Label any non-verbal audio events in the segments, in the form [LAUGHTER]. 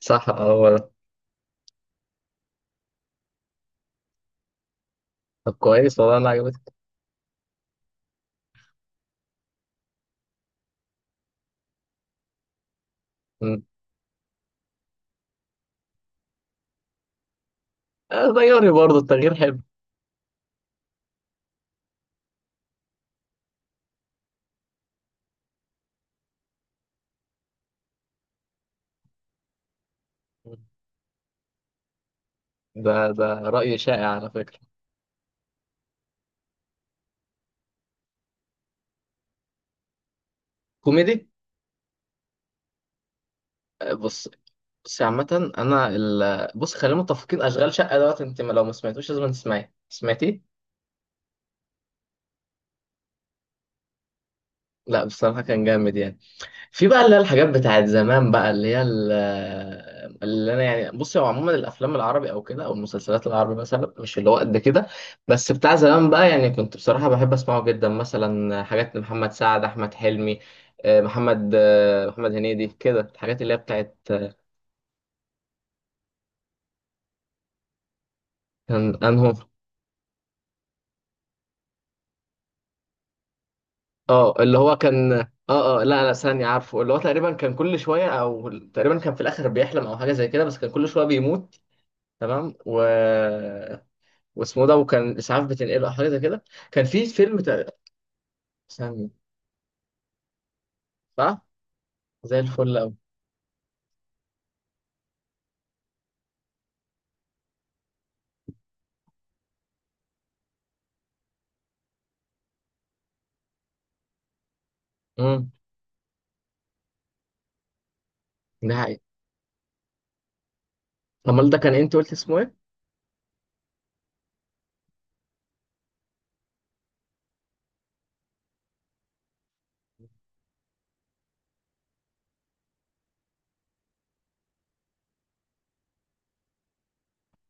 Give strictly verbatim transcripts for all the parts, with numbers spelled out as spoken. صح، اه، هو ده. طب كويس والله، انا عجبتك. م. آه، غيري برضه، التغيير حلو. ده ده رأي شائع على فكرة. كوميدي. آه، بص. بص عامة، انا ال... بص خلينا متفقين اشغال شقة دوت. انت ما- لو ما سمعتوش لازم تسمعيه. سمعتيه؟ لا بصراحة كان جامد يعني. في بقى اللي هي الحاجات بتاعت زمان بقى اللي هي ال- اللي انا يعني، بصي، هو عموما الافلام العربي او كده، او المسلسلات العربي مثلا، مش اللي هو قد كده. بس بتاع زمان بقى، يعني كنت بصراحه بحب اسمعه جدا، مثلا حاجات لمحمد سعد، احمد حلمي، آه، محمد آه، محمد هنيدي، كده الحاجات اللي هي بتاعت آه، كان انهم. اه، اللي هو كان. اه، اه، لا، لا، ثانية، عارفه اللي هو تقريبا كان كل شوية، او تقريبا كان في الاخر بيحلم او حاجة زي كده، بس كان كل شوية بيموت، تمام، و واسمه ده وكان اسعاف بتنقله او حاجه زي كده. كان في فيلم تق- ثانيه صح. زي الفل قوي. امم. ده حقيقي. امال ده كان، انت قلت اسمه ايه؟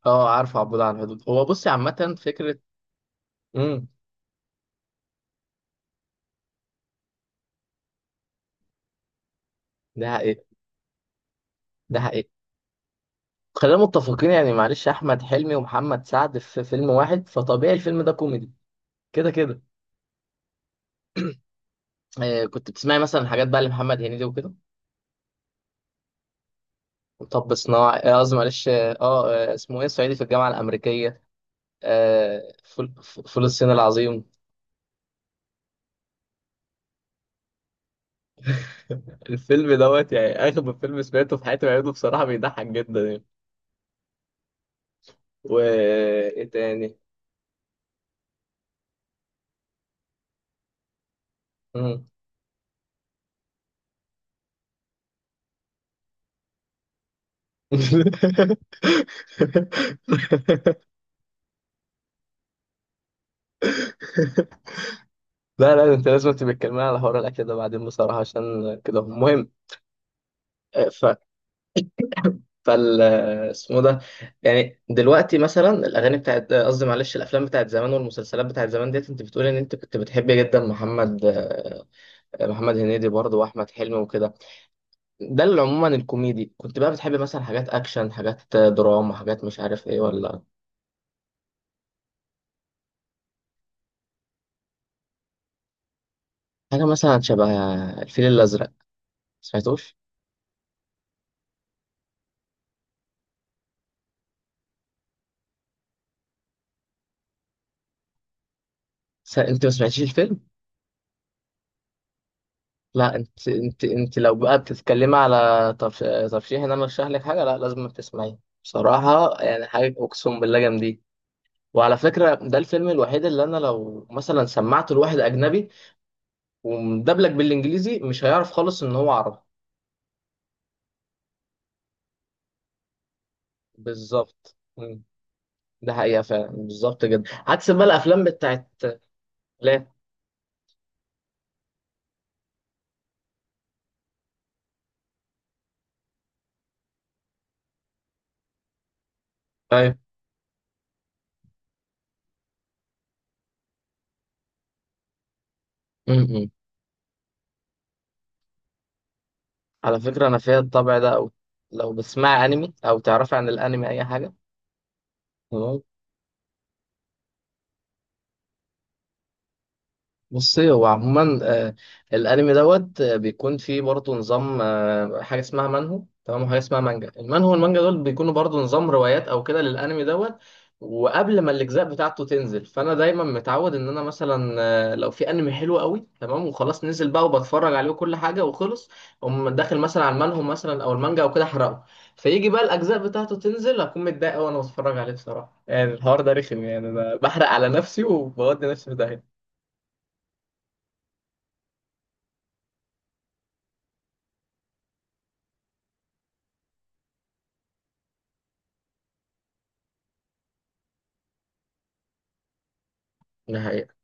اه، عارفه عبود على الحدود، هو بصي عامه فكره. امم. ده حقيقي. ده حقيقي. خلينا متفقين، يعني معلش، احمد حلمي ومحمد سعد في فيلم واحد، فطبيعي الفيلم ده كوميدي. كده كده. آه، كنت بتسمعي مثلا حاجات بقى لمحمد هنيدي وكده؟ طب صناعي، آه، قصدي، معلش، اه، آه، اسمه ايه، صعيدي في الجامعه الامريكيه، آه، فول فول الصين العظيم. الفيلم دوت يعني اغبى فيلم سمعته في حياتي، بعيده بصراحه، بيضحك جدا يعني. و ايه تاني؟ مم. [LAUGHS] لا، لا، انت لازم تبقى تكلمني على حوار الاكل ده بعدين بصراحه، عشان كده مهم. ف [COUGHS] فال اسمه ده. يعني دلوقتي مثلا الاغاني بتاعت، قصدي معلش، الافلام بتاعت زمان والمسلسلات بتاعت زمان، ديت انت بتقول ان انت كنت بتحب جدا محمد محمد هنيدي برضه، واحمد حلمي وكده. ده اللي عموما الكوميدي كنت بقى بتحب، مثلا حاجات اكشن، حاجات دراما، حاجات مش عارف ايه ولا حاجه؟ مثلا شبه الفيل الازرق، سمعتوش؟ س- انت ما سمعتيش الفيلم؟ لا، انت انت انت لو بقى بتتكلمي على طرش- ترشيح، ان انا ارشح لك حاجه، لا لازم تسمعيه. بصراحه يعني حاجه، اقسم بالله جامدين. وعلى فكره، ده الفيلم الوحيد اللي انا لو مثلا سمعته لواحد اجنبي ومدبلج بالانجليزي، مش هيعرف خالص ان هو عربي. بالظبط. ده حقيقة فعلا، بالظبط جدا، عكس بقى الأفلام بتاعت. لا. أيوة. م-م. على فكرة أنا فيها الطبع ده أوي. لو بتسمعي أنمي أو تعرفي عن الأنمي أي حاجة؟ بصي هو عموما، آه، الانمي دوت، آه، بيكون فيه برضه نظام، آه، حاجه اسمها منهو، تمام، وحاجه اسمها مانجا. المانهو والمانجا دول بيكونوا برضه نظام روايات او كده للانمي دوت. وقبل ما الاجزاء بتاعته تنزل، فانا دايما متعود ان انا مثلا، آه، لو في انمي حلو قوي تمام وخلاص نزل بقى وبتفرج عليه وكل حاجه وخلص، اقوم داخل مثلا على المانهو مثلا او المانجا او كده، احرقه. فيجي بقى الاجزاء بتاعته تنزل، اكون متضايق أوي وانا بتفرج عليه بصراحه، يعني الحوار ده رخم، يعني انا بحرق على نفسي وبودي نفسي في داهيه. ده حقيقة.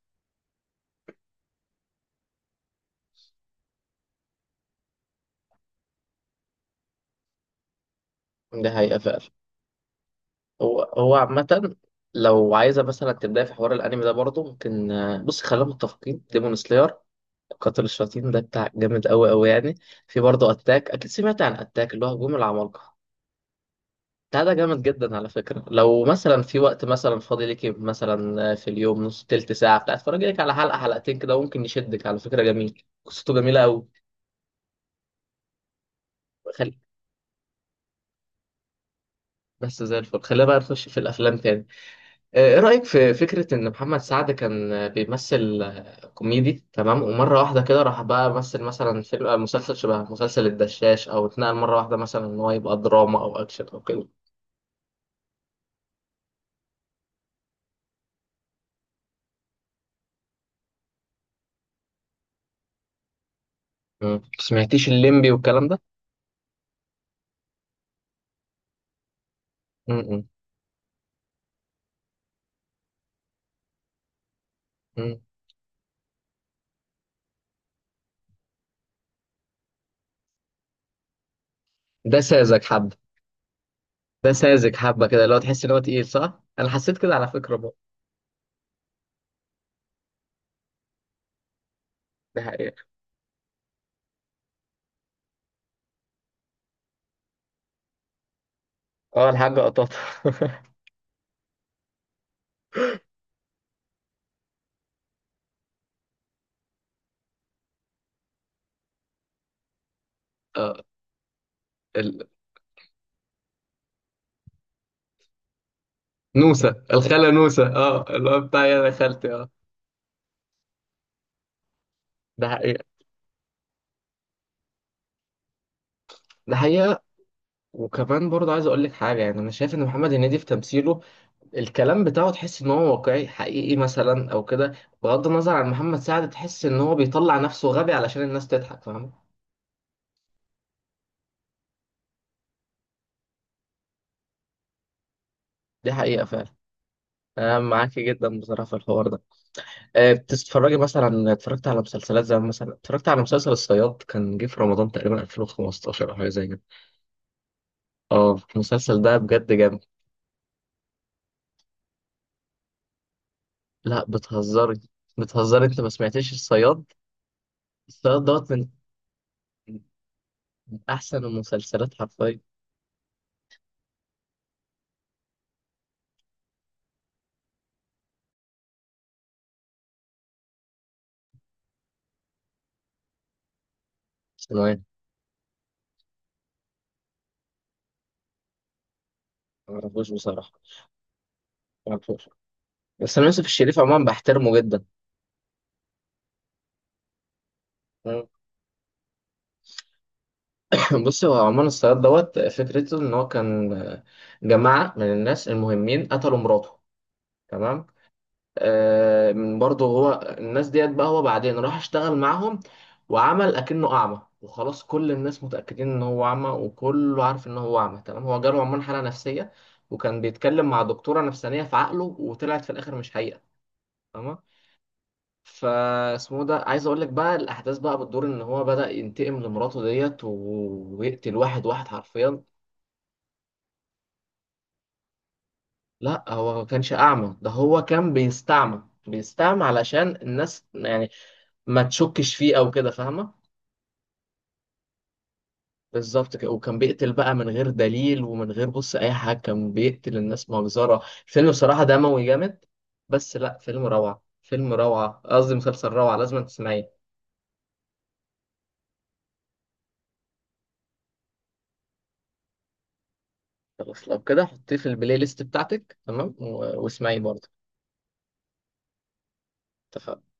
ده حقيقة فعلا. هو هو عامة، لو عايزة مثلا تبدأ في حوار الأنمي ده برضه ممكن، آه، بص، خلينا متفقين، ديمون سلاير، قاتل الشياطين ده بتاع جامد أوي أوي يعني. في برضه أتاك، أكيد سمعت عن أتاك، اللي هو هجوم العمالقة. بتاع ده جامد جدا على فكرة، لو مثلا في وقت مثلا فاضي ليكي مثلا، آه، في اليوم نص تلت ساعة، بتاع اتفرجي لك على حلقة حلقتين كده، ممكن يشدك على فكرة، جميل، قصته جميلة أوي. خل... بس زي الفل، خلينا بقى نخش في الأفلام تاني. آه، ايه رأيك في فكرة ان محمد سعد كان بيمثل كوميدي، تمام، ومرة واحدة كده راح بقى مثل مثلا فيلم، آه، مسلسل شبه مسلسل الدشاش، او اتنقل مرة واحدة مثلا ان هو يبقى دراما او اكشن او كده؟ مم. سمعتيش الليمبي والكلام ده؟ مم. مم. ده ساذج حبة. ده ساذج حبة كده، لو تحس ان هو تقيل، صح، انا حسيت كده على فكرة بقى. دي حقيقة. اه، الحاجة قطاطة. [LAUGHS] اه، ال... نوسة الخالة نوسة، اه اللي هو بتاع يا خالتي، اه. ده حقيقة. ده حقيقة. وكمان برضه عايز اقول لك حاجه، يعني انا شايف ان محمد هنيدي في تمثيله، الكلام بتاعه تحس ان هو واقعي حقيقي مثلا او كده. بغض النظر عن محمد سعد، تحس ان هو بيطلع نفسه غبي علشان الناس تضحك، فاهم. دي حقيقه فعلا. انا معاكي جدا بصراحه في الحوار ده. أه، بتتفرجي مثلا؟ اتفرجت على مسلسلات زي، مثلا اتفرجت على مسلسل الصياد، كان جه في رمضان تقريبا ألفين وخمستاشر او حاجه زي كده. اه، المسلسل ده بجد جامد. لا، بتهزري. بتهزري، انت ما سمعتيش الصياد؟ الصياد دوت من من احسن المسلسلات حرفيا. ثانوية. ما اعرفوش بصراحة. ما اعرفوش. بس انا يوسف الشريف عموما بحترمه جدا. مم. [LAUGHS] بص، هو عموما الصياد دوت، فكرته ان هو كان، آه، جماعة من الناس المهمين قتلوا مراته، تمام. آه، من برضه هو الناس ديت بقى، هو بعدين راح اشتغل معاهم، وعمل اكنه اعمى، وخلاص كل الناس متأكدين ان هو اعمى، وكله عارف ان هو اعمى، تمام. هو جاله عموما حالة نفسية، وكان بيتكلم مع دكتورة نفسانية في عقله، وطلعت في الاخر مش حقيقة، تمام. فاسمه ده، عايز اقول لك بقى، الاحداث بقى بتدور ان هو بدأ ينتقم لمراته ديت و- ويقتل واحد واحد حرفيا. لا، هو ما كانش اعمى، ده هو كان بيستعمى بيستعمى علشان الناس يعني ما تشكش فيه او كده، فاهمه؟ بالظبط كده، وكان بيقتل بقى من غير دليل ومن غير، بص، اي حاجه، كان بيقتل الناس مجزره. الفيلم بصراحه دموي جامد. بس لا، فيلم روعه فيلم روعه، قصدي مسلسل روعه، لازم تسمعيه. خلاص لو كده، حطيه في البلاي ليست بتاعتك، تمام، و- واسمعيه برضه. اتفقنا